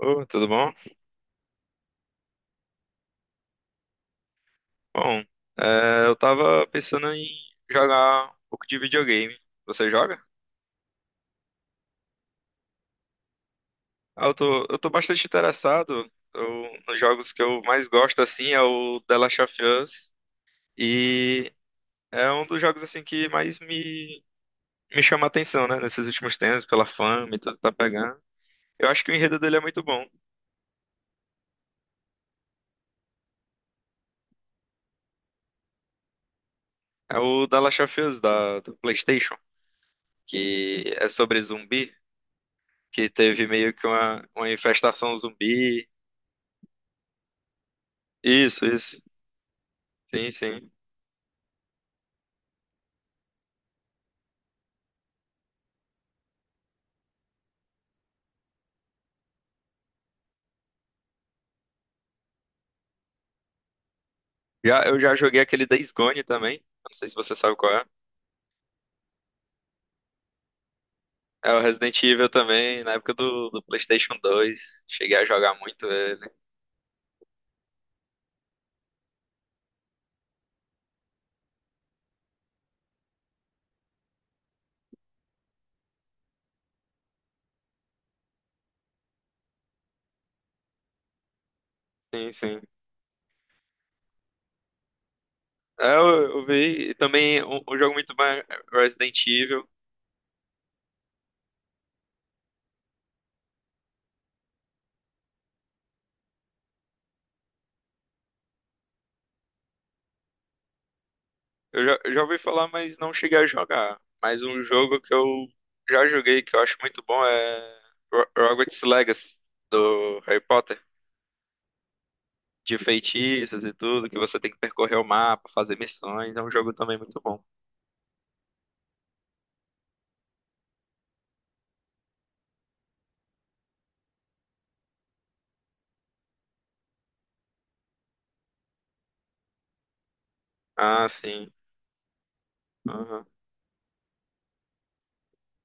Ô, tudo bom? Bom, eu tava pensando em jogar um pouco de videogame. Você joga? Ah, eu tô bastante interessado. Eu, nos jogos que eu mais gosto, assim, é o The Last of Us. E é um dos jogos, assim, me chama a atenção, né? Nesses últimos tempos, pela fama e tudo que tá pegando. Eu acho que o enredo dele é muito bom. É o The Last of Us, do PlayStation, que é sobre zumbi, que teve meio que uma infestação zumbi. Isso, isso. Sim, sim. Já, eu já joguei aquele Days Gone também. Não sei se você sabe qual é. É o Resident Evil também, na época do PlayStation dois. Cheguei a jogar muito ele. Sim, sim. É, eu vi. E também um jogo muito mais Resident Evil. Eu já ouvi falar, mas não cheguei a jogar. Mas um jogo que eu já joguei, que eu acho muito bom, é Hogwarts Legacy, do Harry Potter. De feitiços e tudo, que você tem que percorrer o mapa, fazer missões. É um jogo também muito bom. Ah, sim. Aham,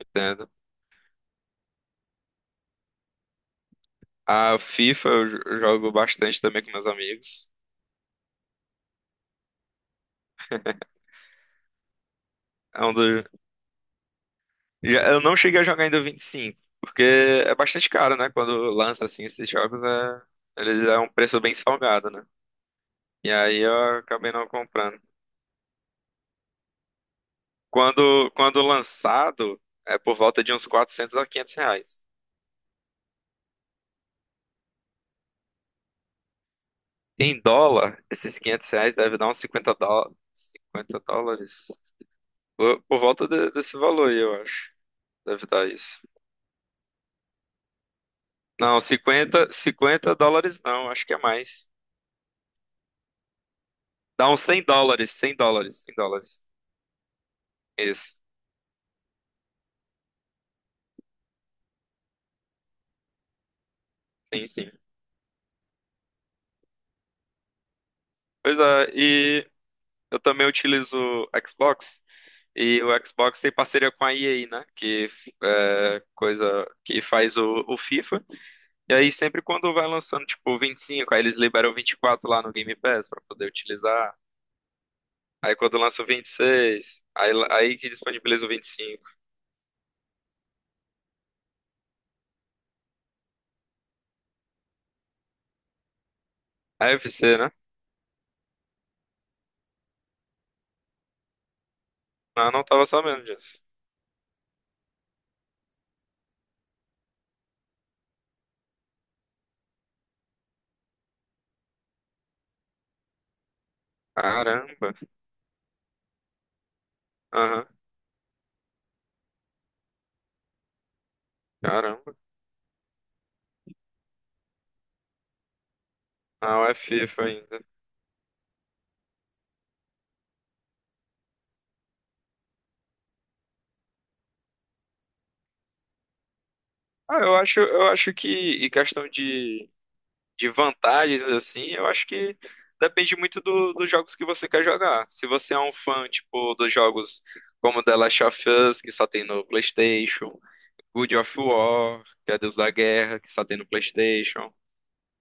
entendo. A FIFA eu jogo bastante também com meus amigos. É um dos... Eu não cheguei a jogar ainda o 25, porque é bastante caro, né? Quando lança assim esses jogos, é... ele é um preço bem salgado, né? E aí eu acabei não comprando. Quando lançado, é por volta de uns R$ 400 a R$ 500. Em dólar, esses R$ 500 deve dar uns 50 dólares. Por volta desse valor aí, eu acho. Deve dar isso. Não, 50 dólares não, acho que é mais. Dá uns 100 dólares, 100 dólares, 100 dólares. Isso, sim, sim. Pois é, e eu também utilizo o Xbox, e o Xbox tem parceria com a EA, né? Que é coisa que faz o FIFA. E aí sempre quando vai lançando, tipo, 25, aí eles liberam 24 lá no Game Pass pra poder utilizar. Aí quando lança o 26, aí que disponibiliza o 25. É FC, né? Ah, não tava sabendo disso. Caramba. Caramba, não é FIFA ainda. Ah, eu acho que, em questão de vantagens, assim, eu acho que depende muito dos jogos que você quer jogar. Se você é um fã, tipo, dos jogos como The Last of Us, que só tem no PlayStation, God of War, que é Deus da Guerra, que só tem no PlayStation,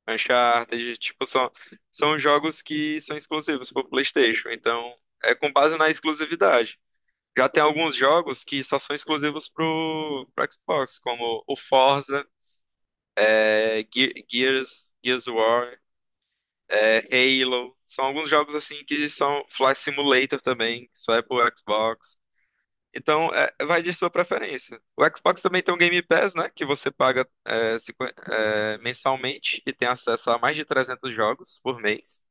Uncharted, tipo, são jogos que são exclusivos pro PlayStation. Então, é com base na exclusividade. Já tem alguns jogos que só são exclusivos pro Xbox, como o Forza, é, Gears, Gears of War, é, Halo. São alguns jogos assim que são Flight Simulator também, que só é pro Xbox. Então, é, vai de sua preferência. O Xbox também tem o Game Pass, né? Que você paga é, 50 é, mensalmente e tem acesso a mais de 300 jogos por mês.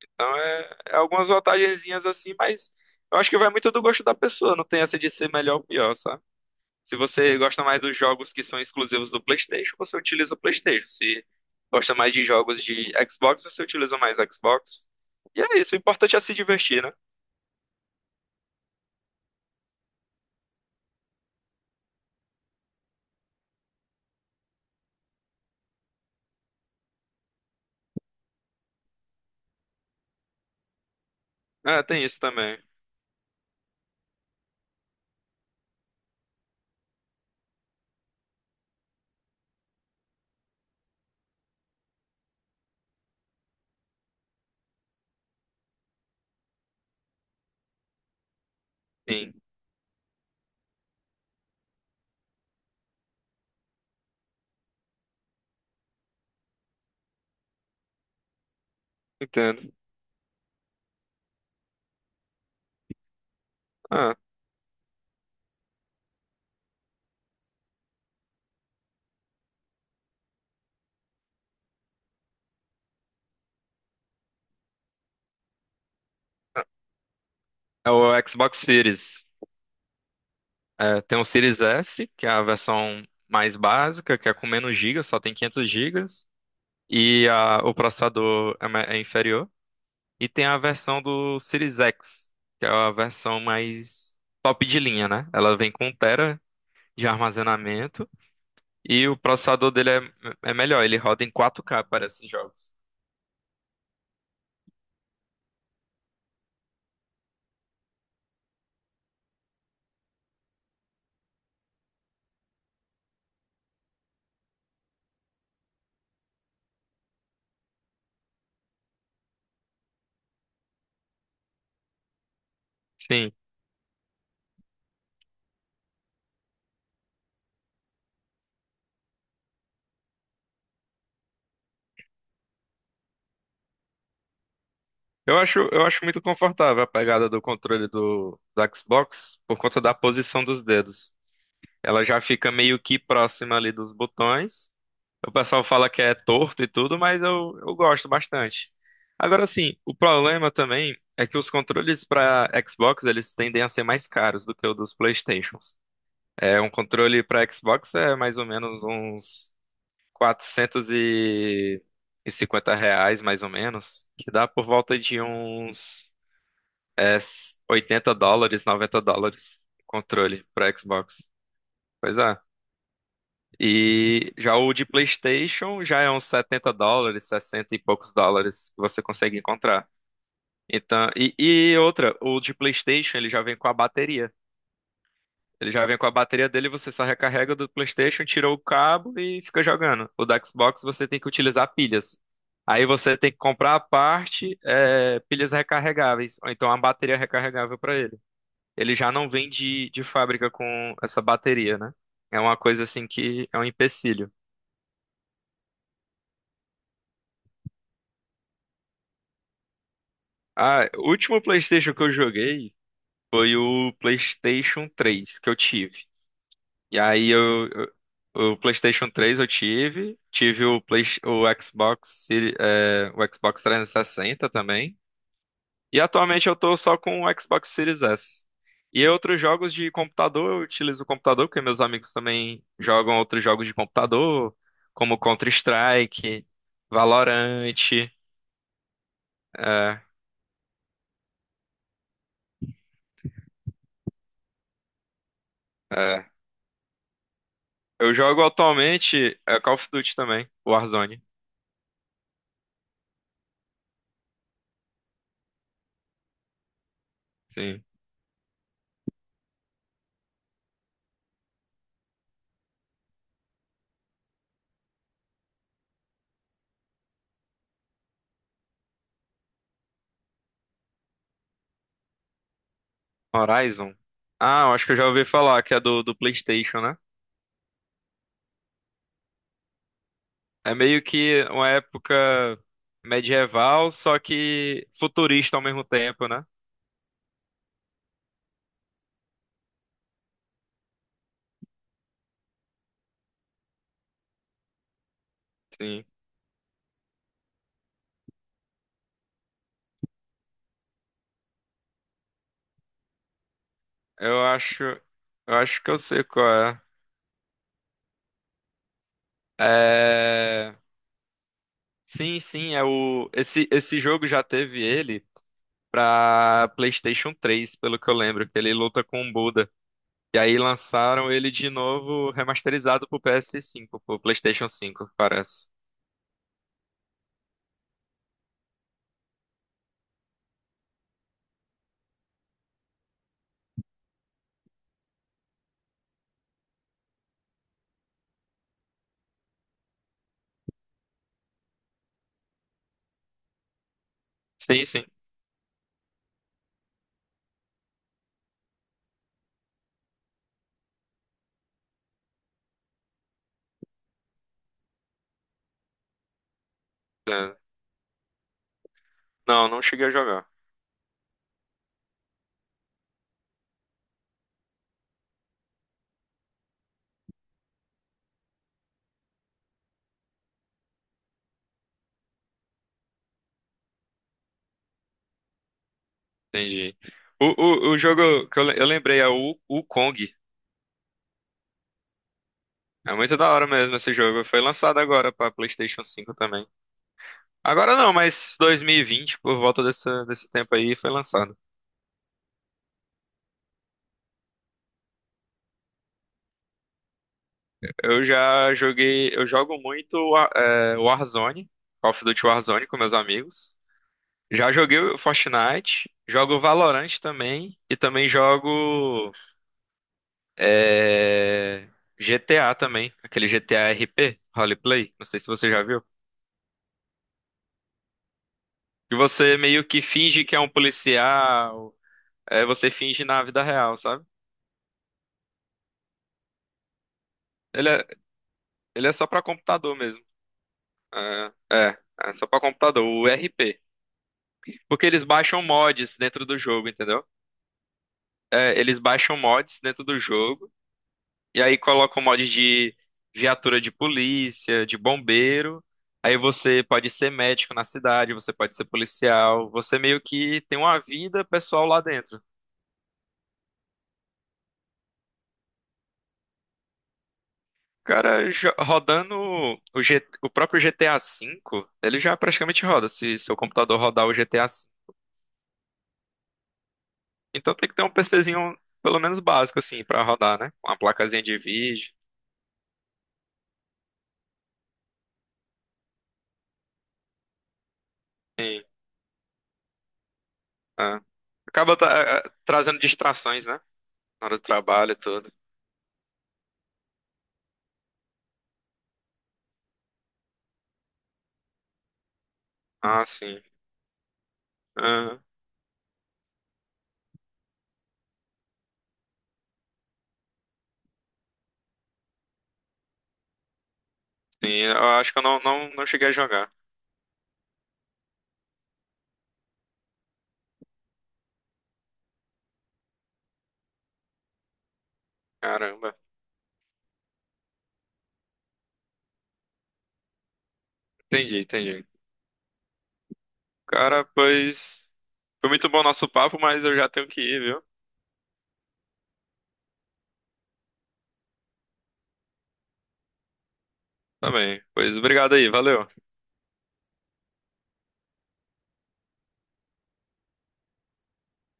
Então, é algumas vantagenzinhas assim, mas eu acho que vai muito do gosto da pessoa. Não tem essa de ser melhor ou pior, sabe? Se você gosta mais dos jogos que são exclusivos do PlayStation, você utiliza o PlayStation. Se gosta mais de jogos de Xbox, você utiliza mais Xbox. E é isso, o importante é se divertir, né? Ah, tem isso também. Sim, entendo. Ah, é o Xbox Series. É, tem o Series S, que é a versão mais básica, que é com menos gigas, só tem 500 gigas. E o processador é, é inferior. E tem a versão do Series X, que é a versão mais top de linha, né? Ela vem com um tera de armazenamento e o processador dele é, é melhor, ele roda em 4K para esses jogos. Sim. Eu acho muito confortável a pegada do controle do Xbox por conta da posição dos dedos. Ela já fica meio que próxima ali dos botões. O pessoal fala que é torto e tudo, mas eu gosto bastante. Agora sim, o problema também é que os controles para Xbox eles tendem a ser mais caros do que o dos PlayStations. É, um controle para Xbox é mais ou menos uns R$ 450, mais ou menos, que dá por volta de uns é, 80 dólares, 90 dólares, controle para Xbox. Pois é. E já o de PlayStation já é uns 70 dólares, 60 e poucos dólares que você consegue encontrar. Então, e outra, o de PlayStation ele já vem com a bateria. Ele já vem com a bateria dele, você só recarrega do PlayStation, tira o cabo e fica jogando. O da Xbox você tem que utilizar pilhas. Aí você tem que comprar a parte, é, pilhas recarregáveis, ou então a bateria recarregável para ele. Ele já não vem de fábrica com essa bateria, né? É uma coisa assim que é um empecilho. Ah, o último PlayStation que eu joguei foi o PlayStation 3 que eu tive. E aí eu, o PlayStation 3 eu tive, tive Play, o Xbox, é, o Xbox 360 também. E atualmente eu tô só com o Xbox Series S. E outros jogos de computador, eu utilizo o computador porque meus amigos também jogam outros jogos de computador, como Counter-Strike, Valorant. É, é. Eu jogo atualmente é, Call of Duty também, Warzone. Sim. Horizon. Ah, eu acho que eu já ouvi falar que é do PlayStation, né? É meio que uma época medieval, só que futurista ao mesmo tempo, né? Sim. Eu acho, eu acho que eu sei qual é. É, sim, sim, é o esse esse jogo já teve ele pra PlayStation 3, pelo que eu lembro, que ele luta com o Buda. E aí lançaram ele de novo remasterizado pro PS5, pro PlayStation 5, parece. Sim, sim. É. Não, não cheguei a jogar. Entendi. O, o jogo que eu, eu lembrei é o Kong. É muito da hora mesmo esse jogo. Foi lançado agora pra PlayStation 5 também. Agora não, mas 2020 por volta dessa, desse tempo aí, foi lançado. Eu já joguei, eu jogo muito é, Warzone, Call of Duty Warzone com meus amigos. Já joguei o Fortnite, jogo Valorant também e também jogo é, GTA também, aquele GTA RP, Roleplay. Não sei se você já viu. Que você meio que finge que é um policial, é, você finge na vida real, sabe? Ele é, ele é só pra computador mesmo. É, é, é só pra computador, o RP. Porque eles baixam mods dentro do jogo, entendeu? É, eles baixam mods dentro do jogo, e aí colocam mods de viatura de polícia, de bombeiro. Aí você pode ser médico na cidade, você pode ser policial, você meio que tem uma vida pessoal lá dentro. Cara, rodando o próprio GTA V, ele já praticamente roda, se seu computador rodar o GTA V. Então tem que ter um PCzinho, pelo menos básico, assim, pra rodar, né? Uma placazinha de vídeo. Sim, é. Acaba trazendo distrações, né? Na hora do trabalho e tudo. Ah, sim. Ah, sim, eu acho que eu não, não cheguei a jogar. Caramba. Entendi, entendi. Cara, pois. Foi muito bom nosso papo, mas eu já tenho que ir, viu? Tá bem. Pois obrigado aí, valeu.